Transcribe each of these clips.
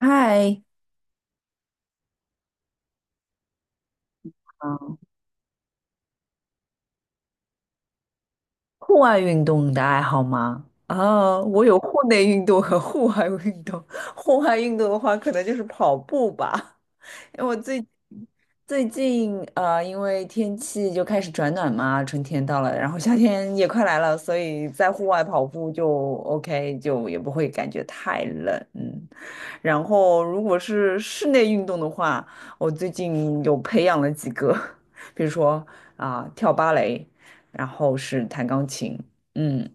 嗨，嗯，户外运动你的爱好吗？啊，我有户内运动和户外运动。户外运动的话，可能就是跑步吧。因为我最近因为天气就开始转暖嘛，春天到了，然后夏天也快来了，所以在户外跑步就 OK，就也不会感觉太冷。嗯，然后如果是室内运动的话，我最近有培养了几个，比如说啊、跳芭蕾，然后是弹钢琴。嗯，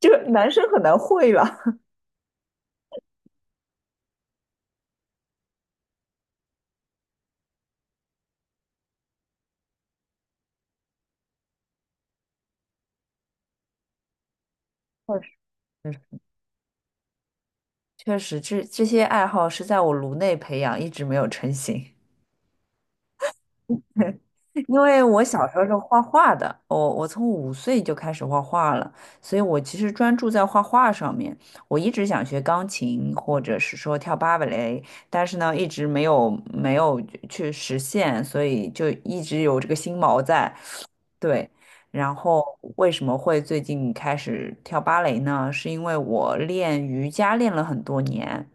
就男生很难会吧？确实，确实这些爱好是在我颅内培养，一直没有成型。因为我小时候是画画的，我从5岁就开始画画了，所以我其实专注在画画上面。我一直想学钢琴，或者是说跳芭蕾，但是呢，一直没有去实现，所以就一直有这个心锚在。对，然后为什么会最近开始跳芭蕾呢？是因为我练瑜伽练了很多年。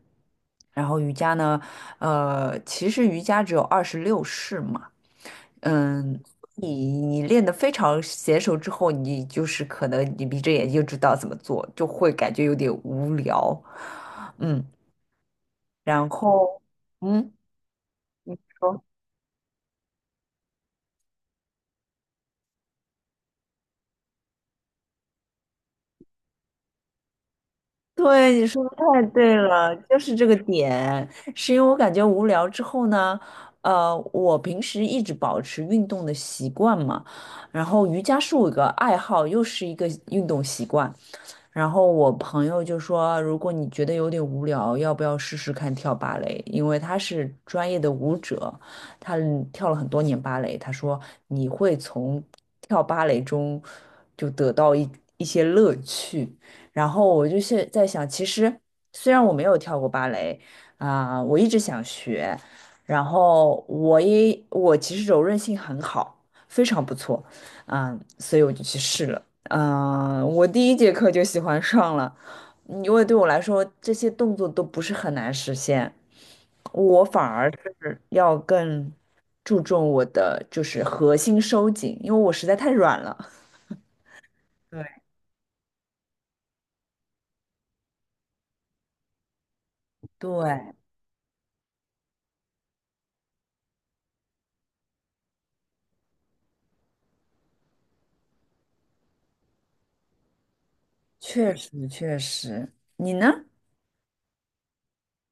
然后瑜伽呢，其实瑜伽只有26式嘛。嗯，你练得非常娴熟之后，你就是可能你闭着眼睛就知道怎么做，就会感觉有点无聊。嗯，然后嗯。说对，你说的太对了，就是这个点，是因为我感觉无聊之后呢，我平时一直保持运动的习惯嘛，然后瑜伽是我一个爱好，又是一个运动习惯，然后我朋友就说，如果你觉得有点无聊，要不要试试看跳芭蕾？因为他是专业的舞者，他跳了很多年芭蕾。他说你会从跳芭蕾中就得到一些乐趣。然后我就是在想，其实虽然我没有跳过芭蕾啊，我一直想学，然后我其实柔韧性很好，非常不错。嗯，所以我就去试了。嗯，我第一节课就喜欢上了，因为对我来说这些动作都不是很难实现，我反而是要更注重我的就是核心收紧，因为我实在太软了。对，对，确实确实。你呢？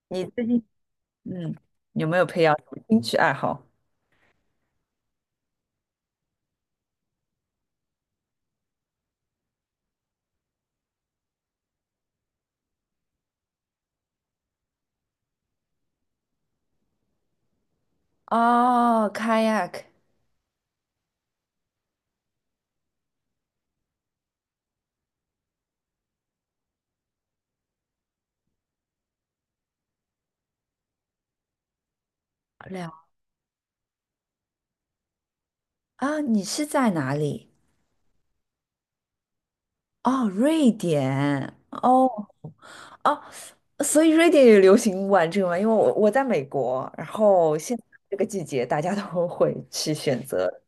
你最近嗯有没有培养什么兴趣爱好？哦，kayak 了。啊，你是在哪里？哦，瑞典。哦哦，所以瑞典也流行玩这个吗？因为我在美国，然后现在这个季节大家都会去选择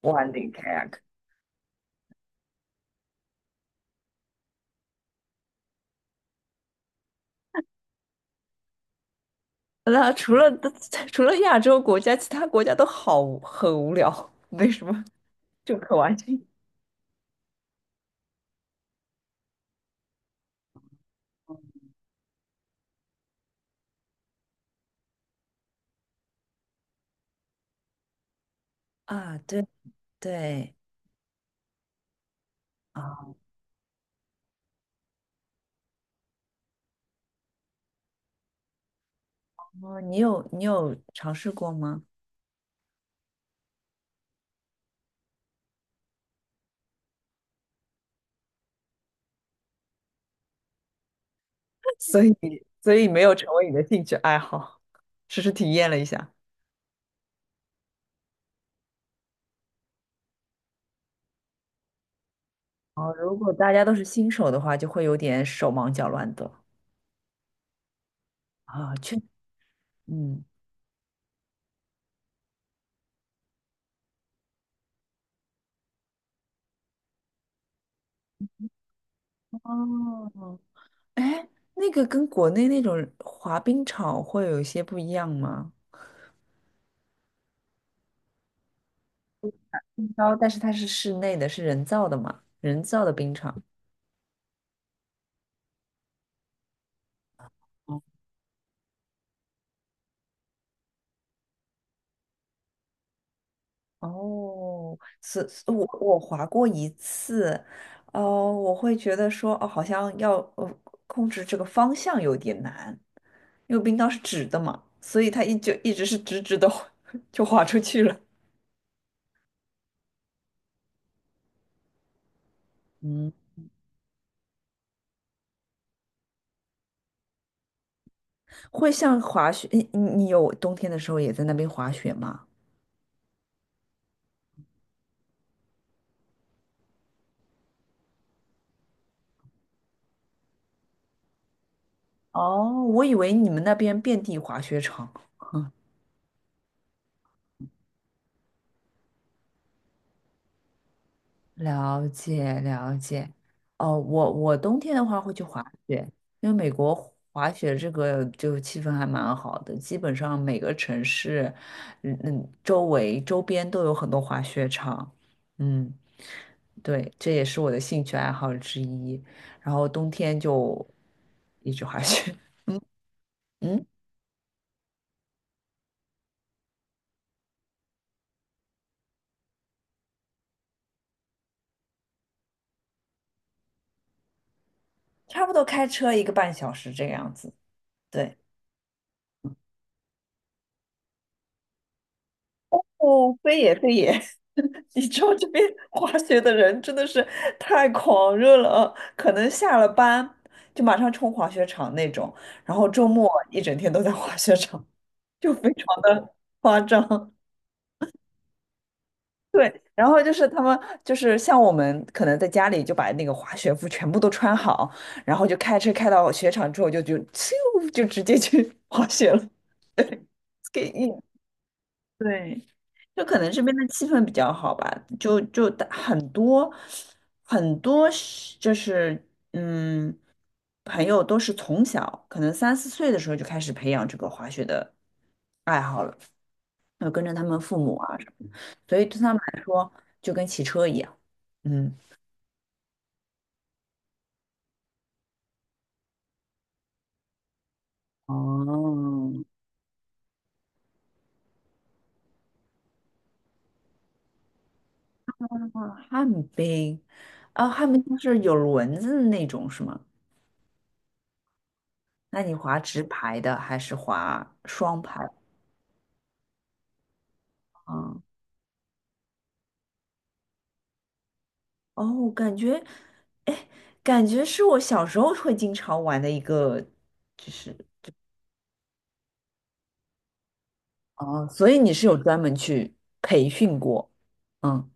玩这个 kayak。那除了 除了亚洲国家，其他国家都好无很无聊，没什么就可玩性。 啊。对，对啊，哦，你有尝试过吗？所以所以没有成为你的兴趣爱好，只是体验了一下。哦，如果大家都是新手的话，就会有点手忙脚乱的啊。确，嗯，哦，哎，那个跟国内那种滑冰场会有一些不一样吗？冰刀，但是它是室内的，是人造的嘛？人造的冰场。哦，哦，是，是我滑过一次。哦，我会觉得说，哦，好像要控制这个方向有点难，因为冰刀是直的嘛，所以它一直是直直的 就滑出去了。嗯，会像滑雪，你有冬天的时候也在那边滑雪吗？哦，我以为你们那边遍地滑雪场。嗯，了解了解。哦，我冬天的话会去滑雪，因为美国滑雪这个就气氛还蛮好的，基本上每个城市，嗯嗯，周边都有很多滑雪场。嗯，对，这也是我的兴趣爱好之一。然后冬天就一直滑雪。嗯。差不多开车1个半小时这个样子。对，哦，非也非也。你知道这边 滑雪的人真的是太狂热了啊，可能下了班就马上冲滑雪场那种，然后周末一整天都在滑雪场，就非常的夸张。对，然后就是他们就是像我们可能在家里就把那个滑雪服全部都穿好，然后就开车开到雪场之后就咻就直接去滑雪了。对，给对，就可能这边的气氛比较好吧，就就大很多是就是嗯，朋友都是从小可能3、4岁的时候就开始培养这个滑雪的爱好了，要跟着他们父母啊什么的，所以对他们来说就跟骑车一样。嗯，哦，旱冰，啊，旱冰就是有轮子的那种是吗？那你滑直排的还是滑双排？啊，哦，感觉，哎，感觉是我小时候会经常玩的一个，就是哦，所以你是有专门去培训过。嗯，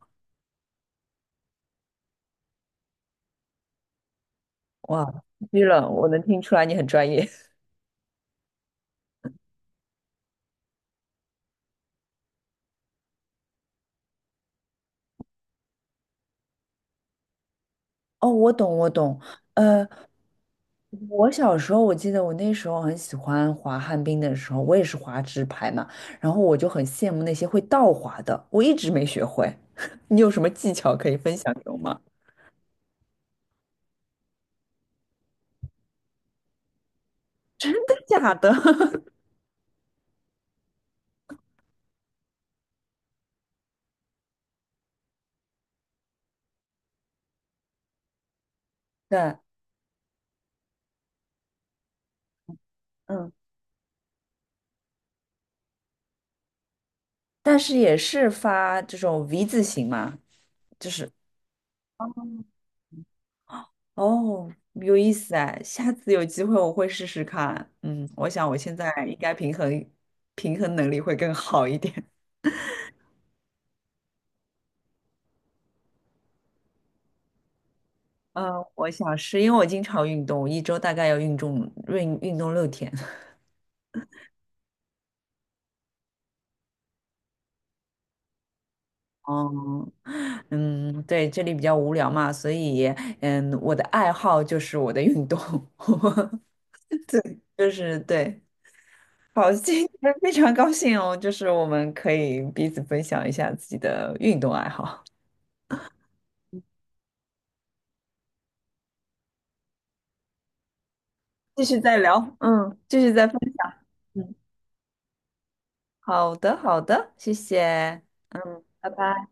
哇，虚了，我能听出来你很专业。哦，我懂，我懂。呃，我小时候我记得我那时候很喜欢滑旱冰的时候，我也是滑直排嘛，然后我就很羡慕那些会倒滑的，我一直没学会。你有什么技巧可以分享给我吗？真的假的？对，嗯。但是也是发这种 V 字形嘛。哦，有意思哎，下次有机会我会试试看。嗯，我想我现在应该平衡能力会更好一点。嗯，我想是因为我经常运动，一周大概要运动6天。哦，嗯，对，这里比较无聊嘛，所以嗯，我的爱好就是我的运动。对，就是对，好，今天 非常高兴哦，就是我们可以彼此分享一下自己的运动爱好，继续再聊，嗯，继续再分，嗯，好的，好的，谢谢，拜拜。